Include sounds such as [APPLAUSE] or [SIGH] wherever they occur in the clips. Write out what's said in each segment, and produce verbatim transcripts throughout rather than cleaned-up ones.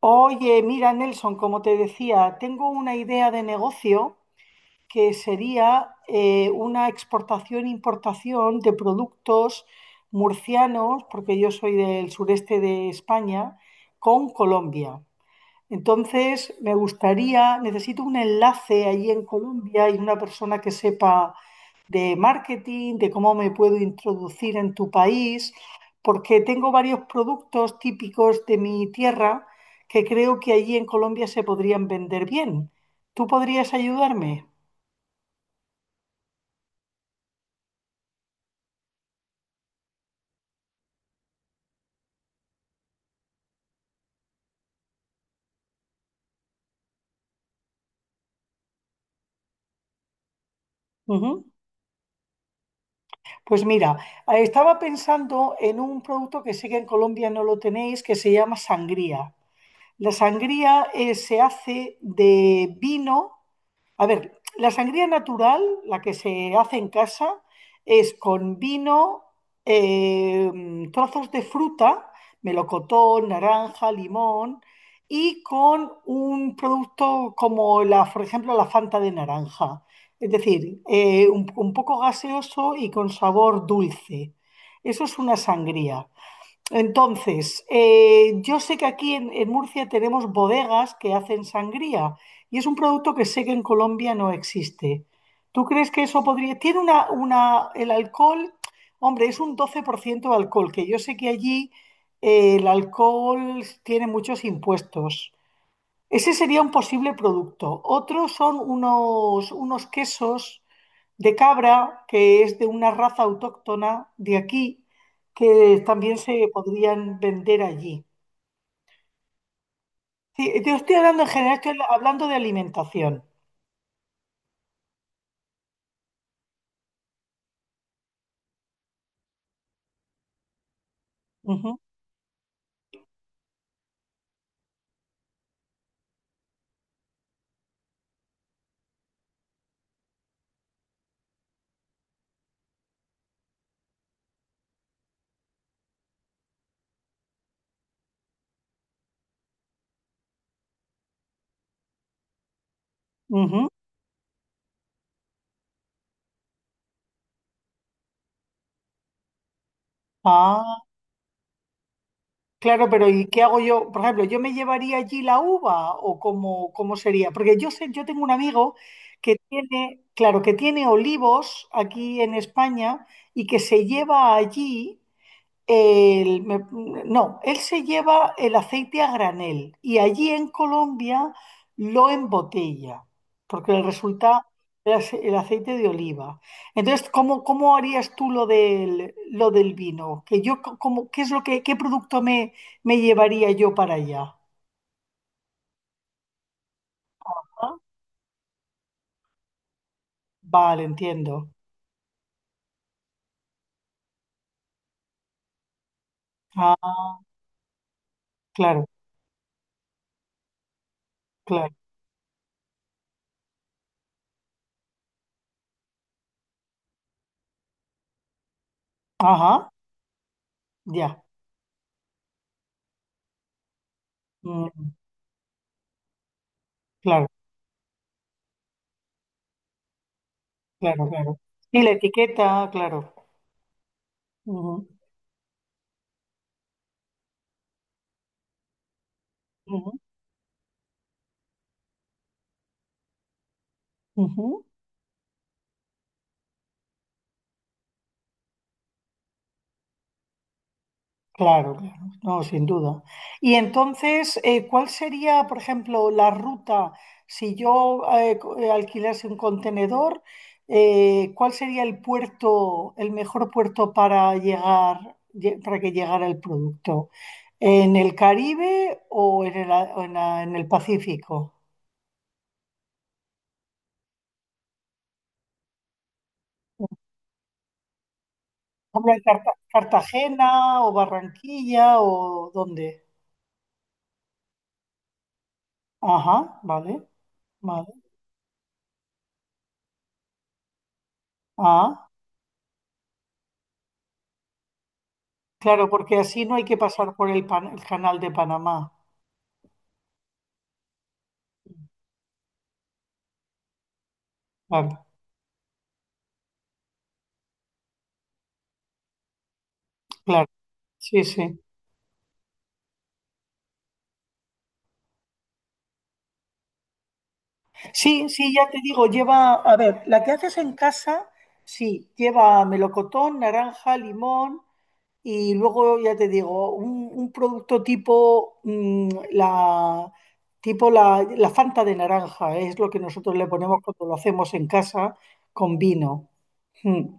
Oye, mira, Nelson, como te decía, tengo una idea de negocio que sería eh, una exportación-importación de productos murcianos, porque yo soy del sureste de España, con Colombia. Entonces, me gustaría, necesito un enlace allí en Colombia y una persona que sepa de marketing, de cómo me puedo introducir en tu país, porque tengo varios productos típicos de mi tierra que creo que allí en Colombia se podrían vender bien. ¿Tú podrías ayudarme? Ujú. Pues mira, eh, estaba pensando en un producto que sé que en Colombia no lo tenéis, que se llama sangría. La sangría eh, se hace de vino. A ver, la sangría natural, la que se hace en casa, es con vino, eh, trozos de fruta, melocotón, naranja, limón, y con un producto como la, por ejemplo, la Fanta de naranja. Es decir, eh, un, un poco gaseoso y con sabor dulce. Eso es una sangría. Entonces, eh, yo sé que aquí en, en Murcia tenemos bodegas que hacen sangría y es un producto que sé que en Colombia no existe. ¿Tú crees que eso podría... Tiene una, una- el alcohol, hombre, es un doce por ciento de alcohol, que yo sé que allí eh, el alcohol tiene muchos impuestos. Ese sería un posible producto. Otros son unos, unos quesos de cabra, que es de una raza autóctona de aquí, que también se podrían vender allí. Sí, yo estoy hablando en general, estoy hablando de alimentación. Ujú, ujú. Ah, claro, pero ¿y qué hago yo? Por ejemplo, ¿yo me llevaría allí la uva o cómo, cómo sería? Porque yo sé, yo tengo un amigo que tiene, claro, que tiene olivos aquí en España y que se lleva allí. El- me- no, él se lleva el aceite a granel y allí en Colombia lo embotella, porque le resulta el, ace- el aceite de oliva. Entonces, ¿cómo, cómo harías tú lo del, lo del vino? Que yo, co- como, ¿qué es lo que, qué producto me, me llevaría yo para allá? Ah, vale, entiendo. Ah, claro, claro. Ajá, ya. Mm, claro, claro, claro. Y la etiqueta, claro. Ujú, ujú, ujú. Claro, claro, no, sin duda. Y entonces, eh, ¿cuál sería, por ejemplo, la ruta si yo eh, co- eh, alquilase un contenedor? Eh, ¿cuál sería el puerto, el mejor puerto para llegar, lle- para que llegara el producto? ¿En el Caribe o en el, a- o en la- en el Pacífico? Por ejemplo, en Carta- Cartagena o Barranquilla o ¿dónde? Ajá, vale, vale. Ah. Claro, porque así no hay que pasar por el, pan- el canal de Panamá. Claro, claro. Sí, sí. Sí, sí, ya te digo, lleva, a ver, la que haces en casa, sí, lleva melocotón, naranja, limón y luego, ya te digo, un, un producto tipo, mm, la, tipo la, la Fanta de naranja, es lo que nosotros le ponemos cuando lo hacemos en casa con vino. Mm.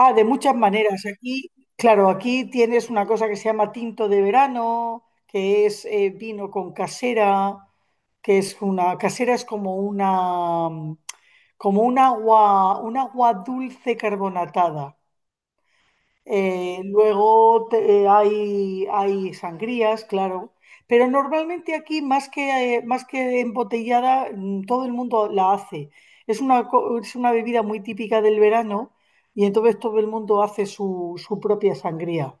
Ah, de muchas maneras. Aquí, claro, aquí tienes una cosa que se llama tinto de verano, que es eh, vino con casera, que es una, casera es como una, como un agua, un agua dulce carbonatada. Eh, luego te- eh, hay, hay sangrías, claro. Pero normalmente aquí, más que, eh, más que embotellada, mm, todo el mundo la hace. Es una, co- es una bebida muy típica del verano y entonces todo el mundo hace su, su propia sangría.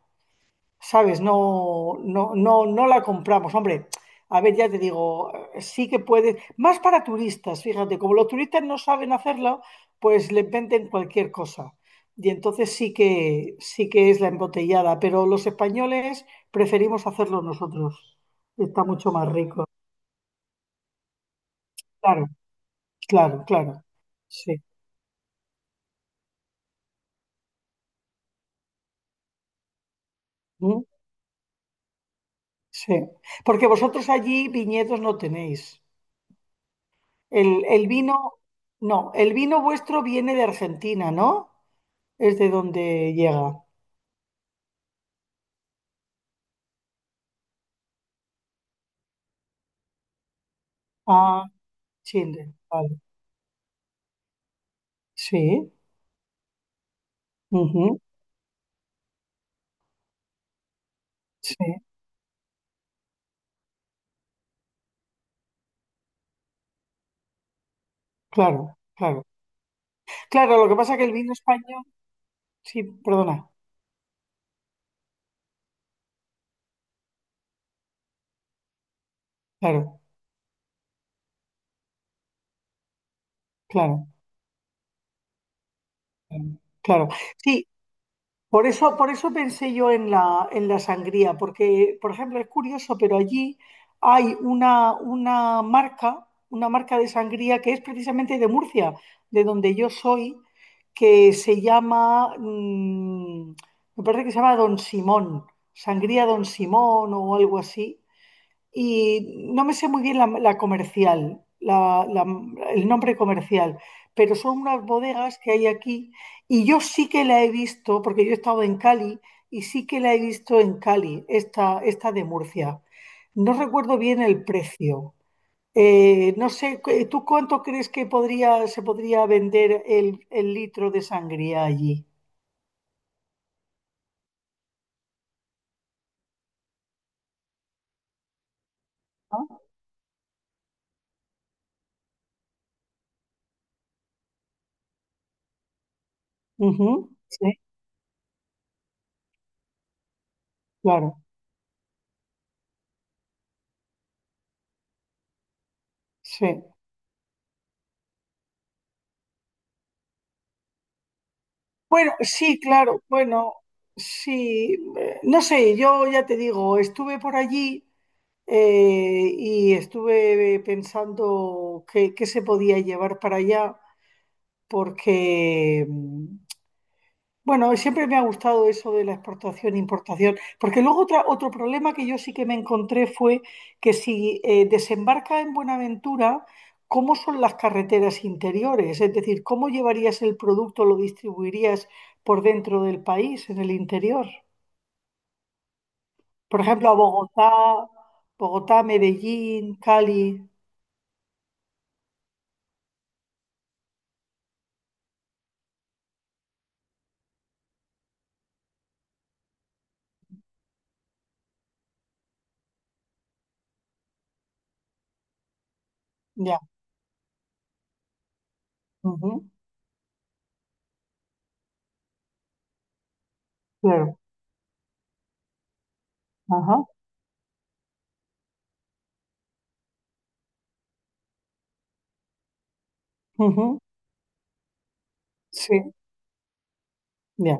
¿Sabes? No, no, no, no la compramos. Hombre, a ver, ya te digo, eh, sí que puedes, más para turistas, fíjate, como los turistas no saben hacerla, pues les venden cualquier cosa. Y entonces sí que, sí que es la embotellada, pero los españoles preferimos hacerlo nosotros. Está mucho más rico. Claro, claro, claro. Sí. ¿Mm? Sí. Porque vosotros allí viñedos no tenéis. El, el vino, no, el vino vuestro viene de Argentina, ¿no? Es de donde llega. Ah, Chile, vale. Sí, ujú, sí, claro, claro. Claro, lo que pasa es que el vino español, sí, perdona, claro, claro, claro. Sí, por eso, por eso pensé yo en la, en la sangría, porque, por ejemplo, es curioso, pero allí hay una, una marca, una marca de sangría que es precisamente de Murcia, de donde yo soy, que se llama, mm, me parece que se llama Don Simón, Sangría Don Simón o algo así, y no me sé muy bien la, la comercial, la- la- el nombre comercial, pero son unas bodegas que hay aquí y yo sí que la he visto, porque yo he estado en Cali y sí que la he visto en Cali, esta, esta de Murcia. No recuerdo bien el precio. Eh, no sé, cu- ¿tú cuánto crees que podría, se podría vender el, el litro de sangría allí? ¿No? Ujú, sí, claro, sí. Bueno, sí, claro, bueno, sí, eh, no sé, yo ya te digo, estuve por allí eh, y estuve pensando qué, qué se podía llevar para allá, porque, mm, bueno, siempre me ha gustado eso de la exportación e importación, porque luego otra- otro problema que yo sí que me encontré fue que si eh, desembarca en Buenaventura, ¿cómo son las carreteras interiores? Es decir, ¿cómo llevarías el producto, lo distribuirías por dentro del país, en el interior? Por ejemplo, a Bogotá, Bogotá, Medellín, Cali. Ya. Ujú, claro. Ajá. Ujú, sí. Ya.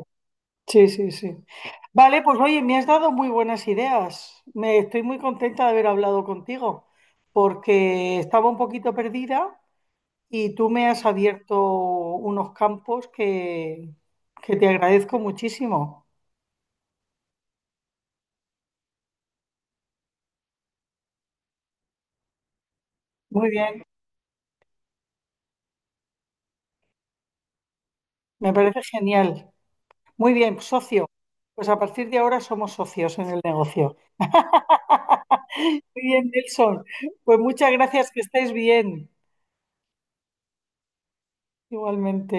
Sí, sí, sí. Vale, pues oye, me has dado muy buenas ideas. Me estoy muy contenta de haber hablado contigo, porque estaba un poquito perdida y tú me has abierto unos campos que, que te agradezco muchísimo. Muy bien, me parece genial. Muy bien, socio. Pues a partir de ahora somos socios en el negocio. [LAUGHS] Muy bien, Nelson. Pues muchas gracias, que estés bien. Igualmente.